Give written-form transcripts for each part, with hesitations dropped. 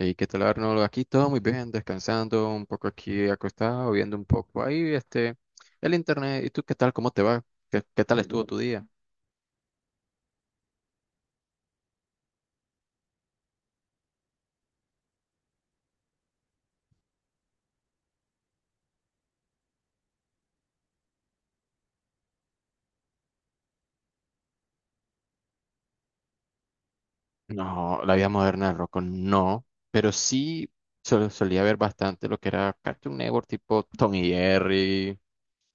¿Y qué tal, Arnold? Aquí todo muy bien, descansando un poco aquí acostado, viendo un poco ahí el internet. ¿Y tú qué tal? ¿Cómo te va? ¿Qué tal estuvo tu día? No, la vida moderna, Rocco, no, pero sí solía ver bastante lo que era Cartoon Network, tipo Tom y Jerry.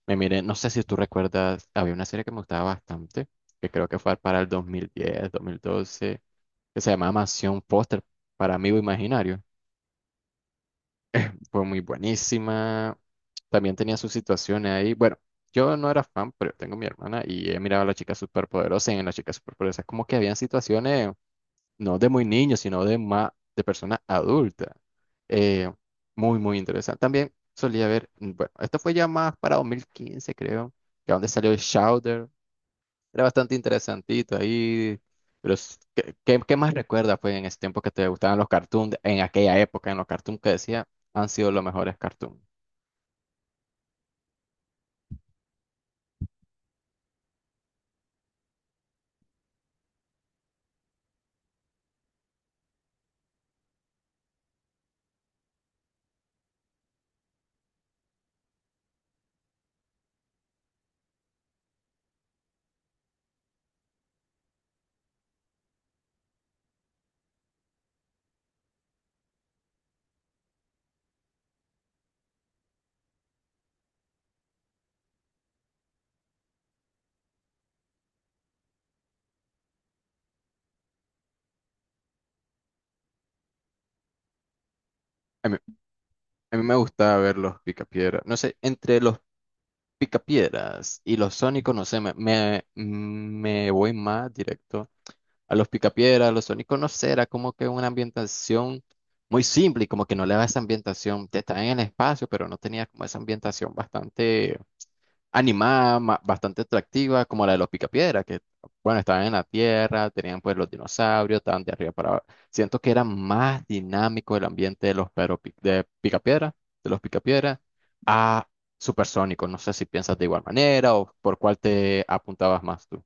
Me miré, no sé si tú recuerdas, había una serie que me gustaba bastante, que creo que fue para el 2010, 2012, que se llamaba Mansión Póster para Amigo Imaginario. Fue muy buenísima. También tenía sus situaciones ahí. Bueno, yo no era fan, pero tengo mi hermana y he mirado a la chica superpoderosa y en la chica superpoderosa es como que habían situaciones no de muy niños, sino de más de personas adultas. Eh, muy, muy interesante. También solía ver, bueno, esto fue ya más para 2015 creo, que donde salió el Shouder. Era bastante interesantito ahí. Pero, ¿qué más recuerdas, pues, en ese tiempo que te gustaban los cartoons? En aquella época, en los cartoons que decía, han sido los mejores cartoons. A mí, a mí, me gustaba ver los Picapiedra. No sé, entre los Picapiedras y los Sónicos, no sé, me voy más directo a los Picapiedras, a los Sónicos, no sé, era como que una ambientación muy simple y como que no le daba esa ambientación. Te estaban en el espacio, pero no tenía como esa ambientación bastante animada, bastante atractiva, como la de los Picapiedra, que, bueno, estaban en la tierra, tenían pues los dinosaurios, estaban de arriba para abajo. Siento que era más dinámico el ambiente de los de los Picapiedra, a Supersónico. No sé si piensas de igual manera o por cuál te apuntabas más tú.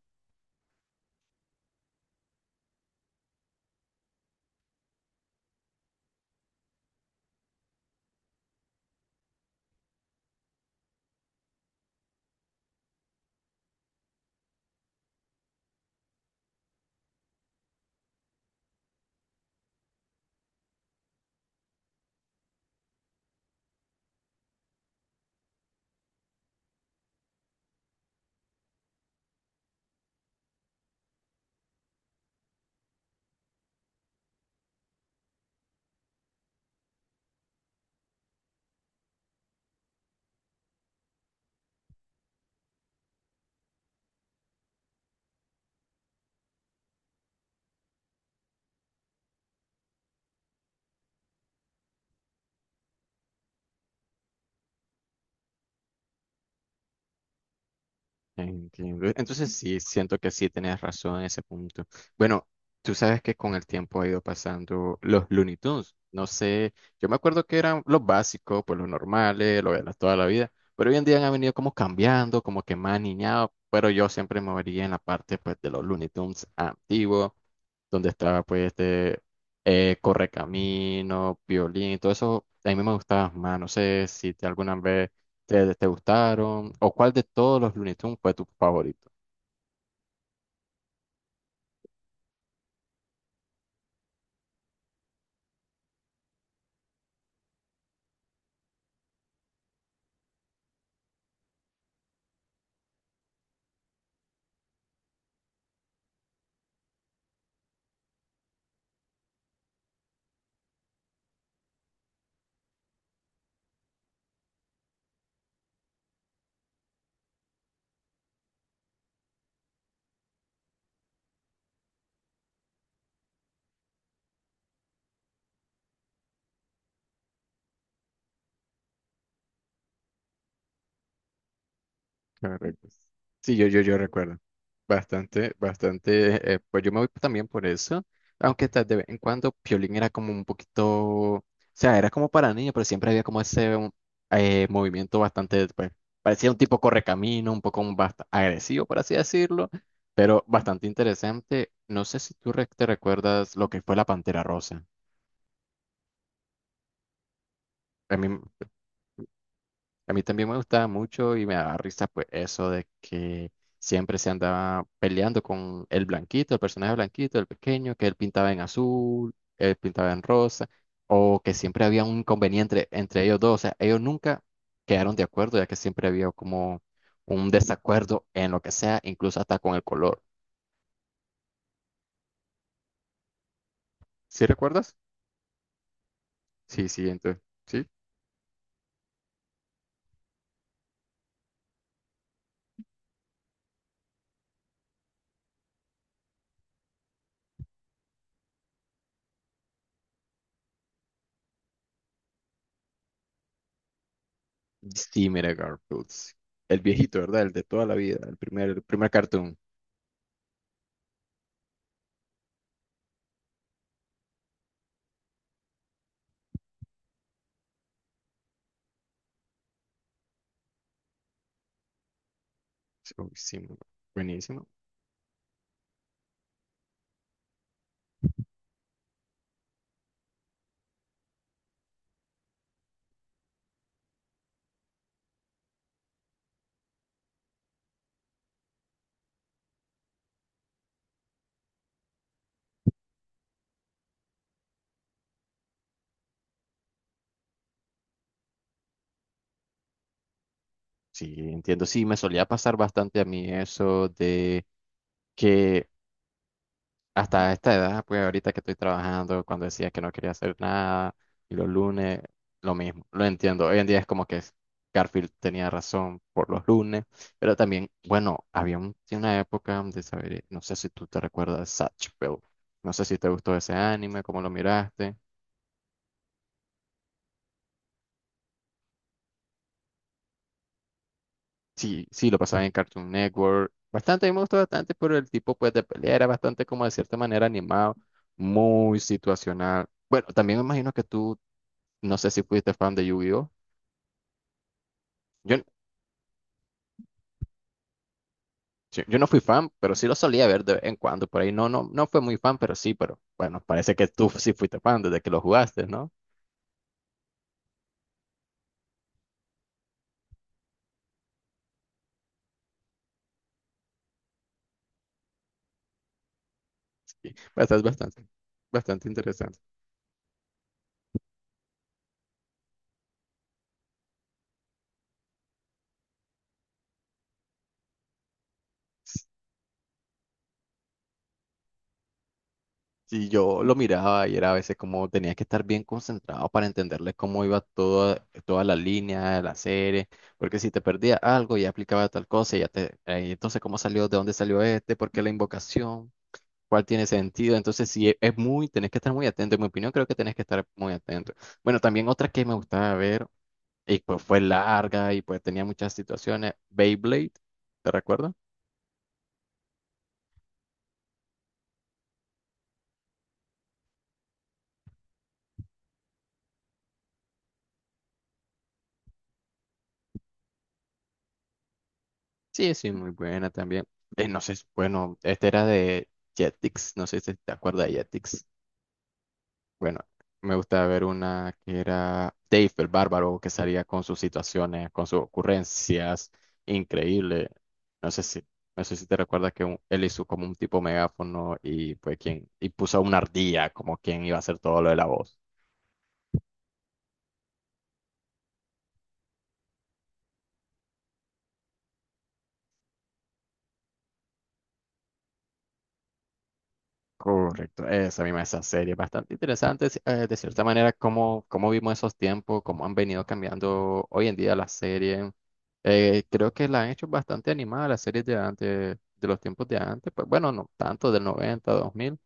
Entiendo. Entonces sí, siento que sí tenés razón en ese punto. Bueno, tú sabes que con el tiempo ha ido pasando los Looney Tunes. No sé, yo me acuerdo que eran los básicos, pues los normales, lo de toda la vida, pero hoy en día han venido como cambiando, como que más niñados, pero yo siempre me vería en la parte pues de los Looney Tunes antiguos, donde estaba pues Correcamino, Piolín, todo eso, a mí me gustaba más, no sé si te alguna vez. ¿Te gustaron? ¿O cuál de todos los Looney Tunes fue tu favorito? Correcto. Sí, yo recuerdo. Bastante, bastante. Pues yo me voy también por eso. Aunque tal de vez en cuando Piolín era como un poquito. O sea, era como para niños, pero siempre había como ese movimiento bastante. Pues, parecía un tipo correcamino, un poco un agresivo, por así decirlo. Pero bastante interesante. No sé si tú te recuerdas lo que fue la Pantera Rosa. A mí. A mí también me gustaba mucho y me daba risa pues eso de que siempre se andaba peleando con el blanquito, el personaje blanquito, el pequeño, que él pintaba en azul, él pintaba en rosa, o que siempre había un inconveniente entre ellos dos. O sea, ellos nunca quedaron de acuerdo, ya que siempre había como un desacuerdo en lo que sea, incluso hasta con el color. ¿Sí recuerdas? Sí, sí, entonces, sí. Sí, mira, Garfield. Sí. El viejito, ¿verdad? El de toda la vida, el primer cartoon. Sí, uy, sí, muy buenísimo. Sí, entiendo. Sí, me solía pasar bastante a mí eso de que hasta esta edad, pues ahorita que estoy trabajando, cuando decía que no quería hacer nada, y los lunes, lo mismo, lo entiendo. Hoy en día es como que Garfield tenía razón por los lunes, pero también, bueno, había una época de saber, no sé si tú te recuerdas, Zatch. No sé si te gustó ese anime, cómo lo miraste. Sí, sí, lo pasaba en Cartoon Network. Bastante, a mí me gustó bastante por el tipo pues de pelea, era bastante como de cierta manera animado, muy situacional. Bueno, también me imagino que tú, no sé si fuiste fan de Yu-Gi-Oh. Yo, yo no fui fan, pero sí lo solía ver de vez en cuando por ahí. No, no, no fue muy fan, pero sí, pero bueno, parece que tú sí fuiste fan desde que lo jugaste, ¿no? Sí, bastante, bastante, bastante interesante. Sí, yo lo miraba y era a veces como tenía que estar bien concentrado para entenderle cómo iba toda la línea de la serie, porque si te perdía algo ya aplicaba tal cosa, y ya te, entonces cómo salió, de dónde salió este, por qué la invocación, cuál tiene sentido, entonces sí, es muy, tenés que estar muy atento, en mi opinión creo que tenés que estar muy atento. Bueno, también otra que me gustaba ver, y pues fue larga y pues tenía muchas situaciones, Beyblade, ¿te recuerdas? Sí, sí, muy buena también. No sé, bueno, esta era de Jetix, no sé si te acuerdas de Jetix. Bueno, me gustaba ver una que era Dave el Bárbaro, que salía con sus situaciones, con sus ocurrencias, increíble. No sé si, no sé si te recuerdas que él hizo como un tipo megáfono y pues quien, y puso a una ardilla como quien iba a hacer todo lo de la voz. Correcto, esa misma, esa serie, bastante interesante sí, de cierta manera cómo vimos esos tiempos, cómo han venido cambiando hoy en día las series. Creo que la han hecho bastante animada las series de antes, de los tiempos de antes, pues bueno, no tanto del 90, 2000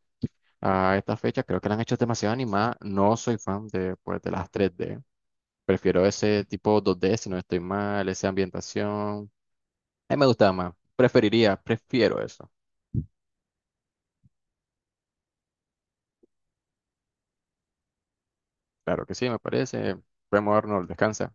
a esta fecha, creo que la han hecho demasiado animada. No soy fan de, pues, de las 3D, prefiero ese tipo 2D si no estoy mal, esa ambientación. A mí me gustaba más, preferiría, prefiero eso. Claro que sí, me parece. Podemos darnos, descansa.